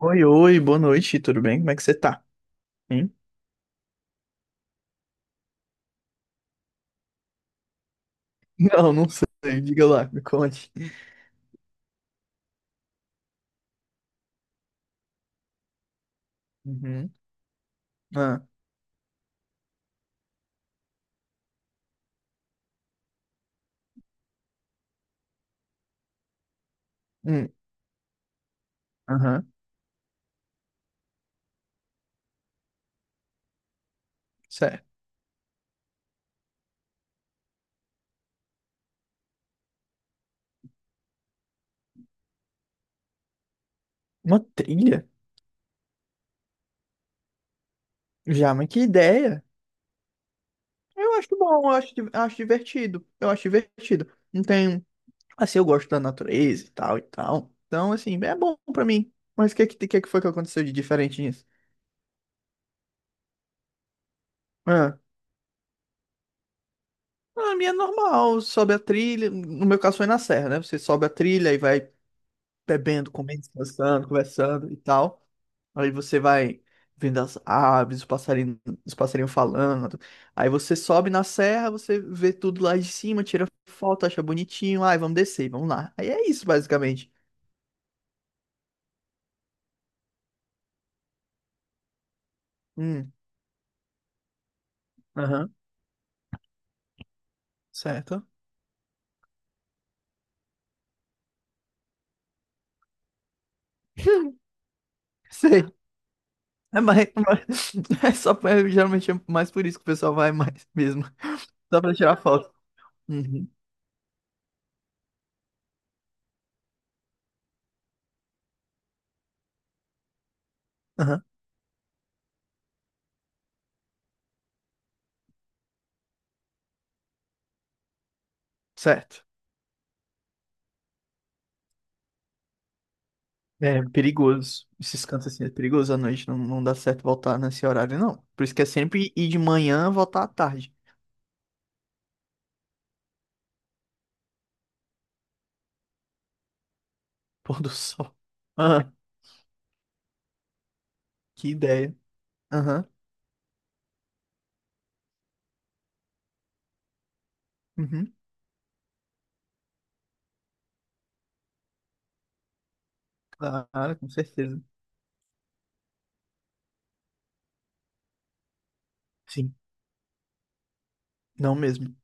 Oi, oi, boa noite, tudo bem? Como é que você tá? Hein? Não, não sei, diga lá, me conte. Uhum. Ah, hum, aham, certo. Uma trilha? Já, mas que ideia! Eu acho bom, eu acho, acho divertido, eu acho divertido. Não tem, assim, eu gosto da natureza e tal e tal. Então, assim, é bom pra mim. Mas o que é que foi que aconteceu de diferente nisso? Ah, a minha é normal, sobe a trilha, no meu caso foi na serra, né? Você sobe a trilha e vai bebendo, comendo, descansando, conversando e tal. Aí você vai vendo as aves, os passarinhos falando. Aí você sobe na serra, você vê tudo lá de cima, tira foto, acha bonitinho. Ai, vamos descer, vamos lá. Aí é isso, basicamente. Hum, Aham, certo. Sei. É mais, é só, é, geralmente é mais por isso que o pessoal vai mais mesmo. Só pra tirar foto. Uhum, aham, certo. É perigoso. Esses cantos assim é perigoso à noite. Não, não dá certo voltar nesse horário, não. Por isso que é sempre ir de manhã, voltar à tarde. Pôr do sol. Ah, que ideia. Aham. Uhum. Claro, com certeza. Sim. Não mesmo.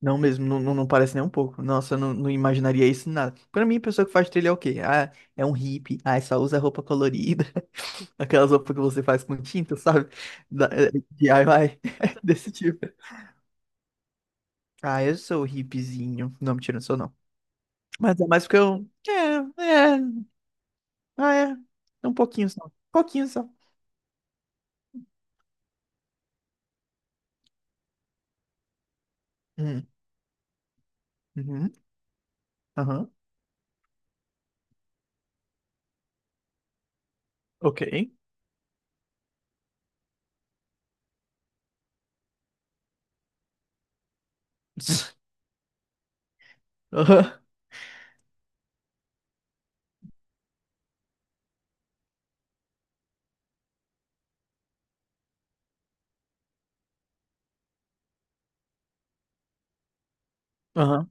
Não mesmo. Não, não, não parece nem um pouco. Nossa, eu não, não imaginaria isso em nada. Pra mim, a pessoa que faz trilha é o quê? Ah, é um hippie. Ah, é só usa roupa colorida. Aquelas roupas que você faz com tinta, sabe? Da, DIY. Desse tipo. Ah, eu sou hippiezinho. Não, mentira, não sou não. Mas é mais porque eu. É, é. Ah, é. É um pouquinho só. Um pouquinho só. Hum. Uhum. Aham. Ok. Aham. Aham.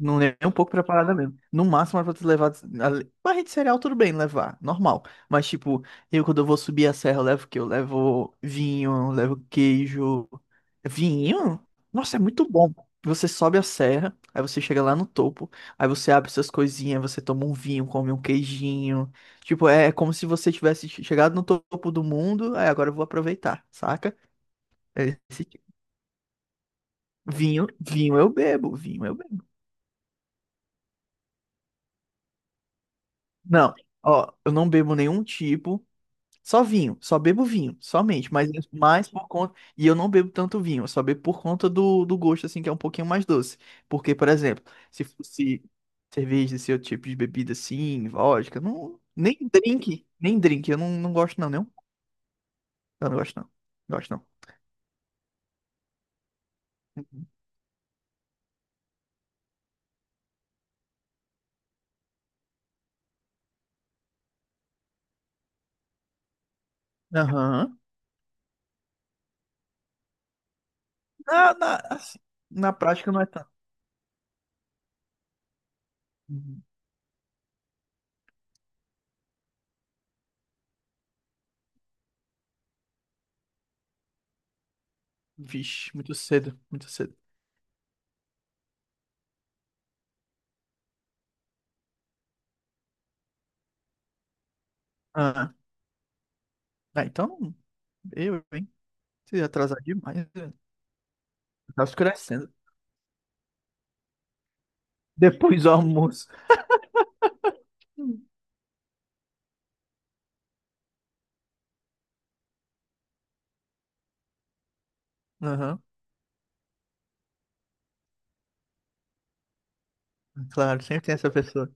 Não é nem um pouco preparada mesmo. No máximo, era pra ter levado. A- barra de cereal, tudo bem levar, normal. Mas, tipo, eu quando eu vou subir a serra, eu levo o quê? Eu levo vinho, eu levo queijo. Vinho? Nossa, é muito bom. Você sobe a serra, aí você chega lá no topo, aí você abre suas coisinhas, você toma um vinho, come um queijinho. Tipo, é como se você tivesse chegado no topo do mundo, aí agora eu vou aproveitar, saca? É esse tipo. Vinho, vinho eu bebo, vinho eu bebo. Não, ó, eu não bebo nenhum tipo, só vinho, só bebo vinho, somente, mas é mais por conta, e eu não bebo tanto vinho, eu só bebo por conta do, do gosto, assim, que é um pouquinho mais doce, porque, por exemplo, se fosse cerveja, esse outro tipo de bebida, assim, vodka, não, nem drink, nem drink, eu não, não gosto não, não, eu não gosto não, não gosto não. Uhum. Aham, na, na, assim, na prática não é tanto. Uhum. Vixe, muito cedo, muito cedo. Ah, ah, então, eu, hein, se atrasar demais... né? Tá escurecendo. Depois do almoço. Hum. Aham, claro, sempre tem essa pessoa.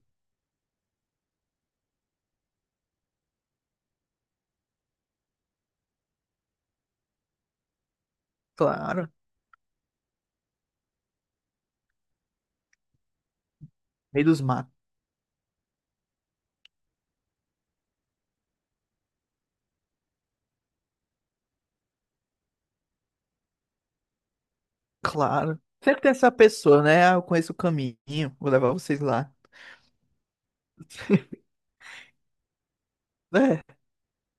Claro. Meio dos matos. Claro. Sempre tem essa pessoa, né? Ah, eu conheço o caminho, vou levar vocês lá. É,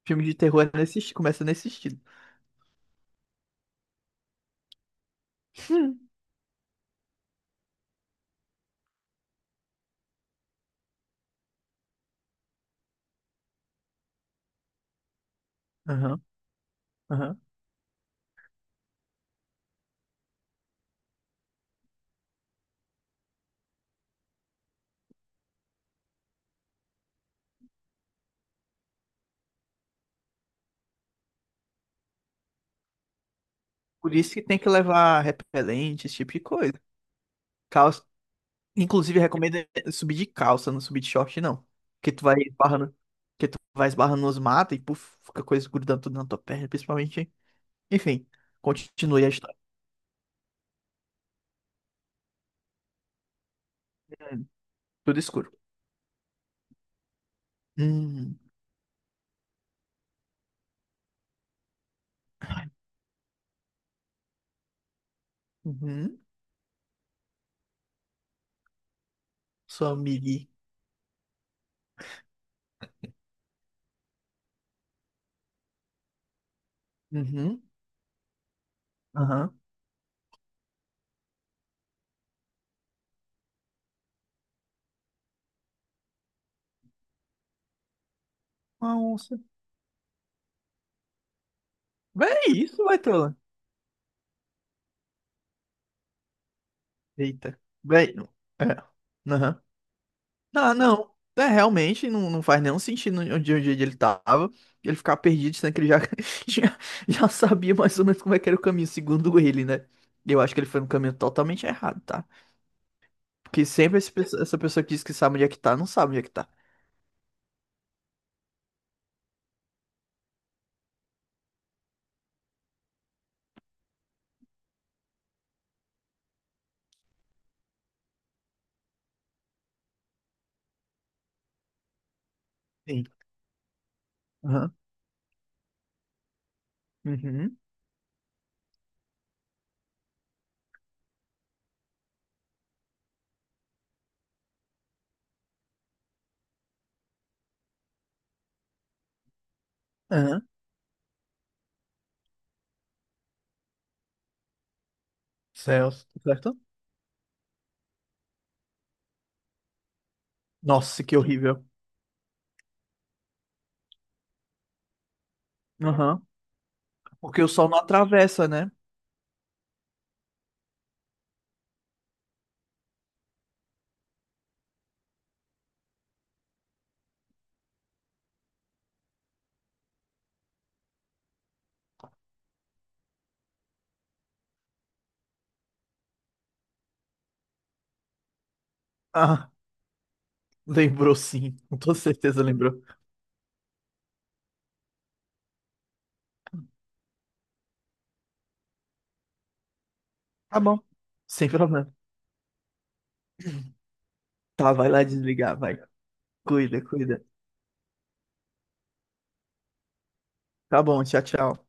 filme de terror é nesse, começa nesse estilo. Aham, aham. Por isso que tem que levar repelente, esse tipo de coisa. Calça. Inclusive, recomendo subir de calça, não subir de short, não. Porque tu vai esbarrando nos matos e puf, fica coisa grudando tudo na tua perna, principalmente. Enfim, continue a história. Tudo escuro. Hum, uhum. Sua miri. Uhum. Aham. Uma onça. Vai isso, vai tola. Eita. Vai. É. Aham. Ah, não. É, realmente não, não faz nenhum sentido onde, onde ele tava. Ele ficar perdido, sendo que ele já, já, já sabia mais ou menos como é que era o caminho, segundo ele, né? Eu acho que ele foi no caminho totalmente errado, tá? Porque sempre esse essa pessoa que diz que sabe onde é que tá, não sabe onde é que tá. Sim. Aham. Uhum. Aham. Céus. Certo? Nossa, que horrível. Aham. Porque o sol não atravessa, né? Ah, lembrou sim. Com toda certeza lembrou. Tá bom, sem problema. Tá, vai lá desligar, vai. Cuida, cuida. Tá bom, tchau, tchau.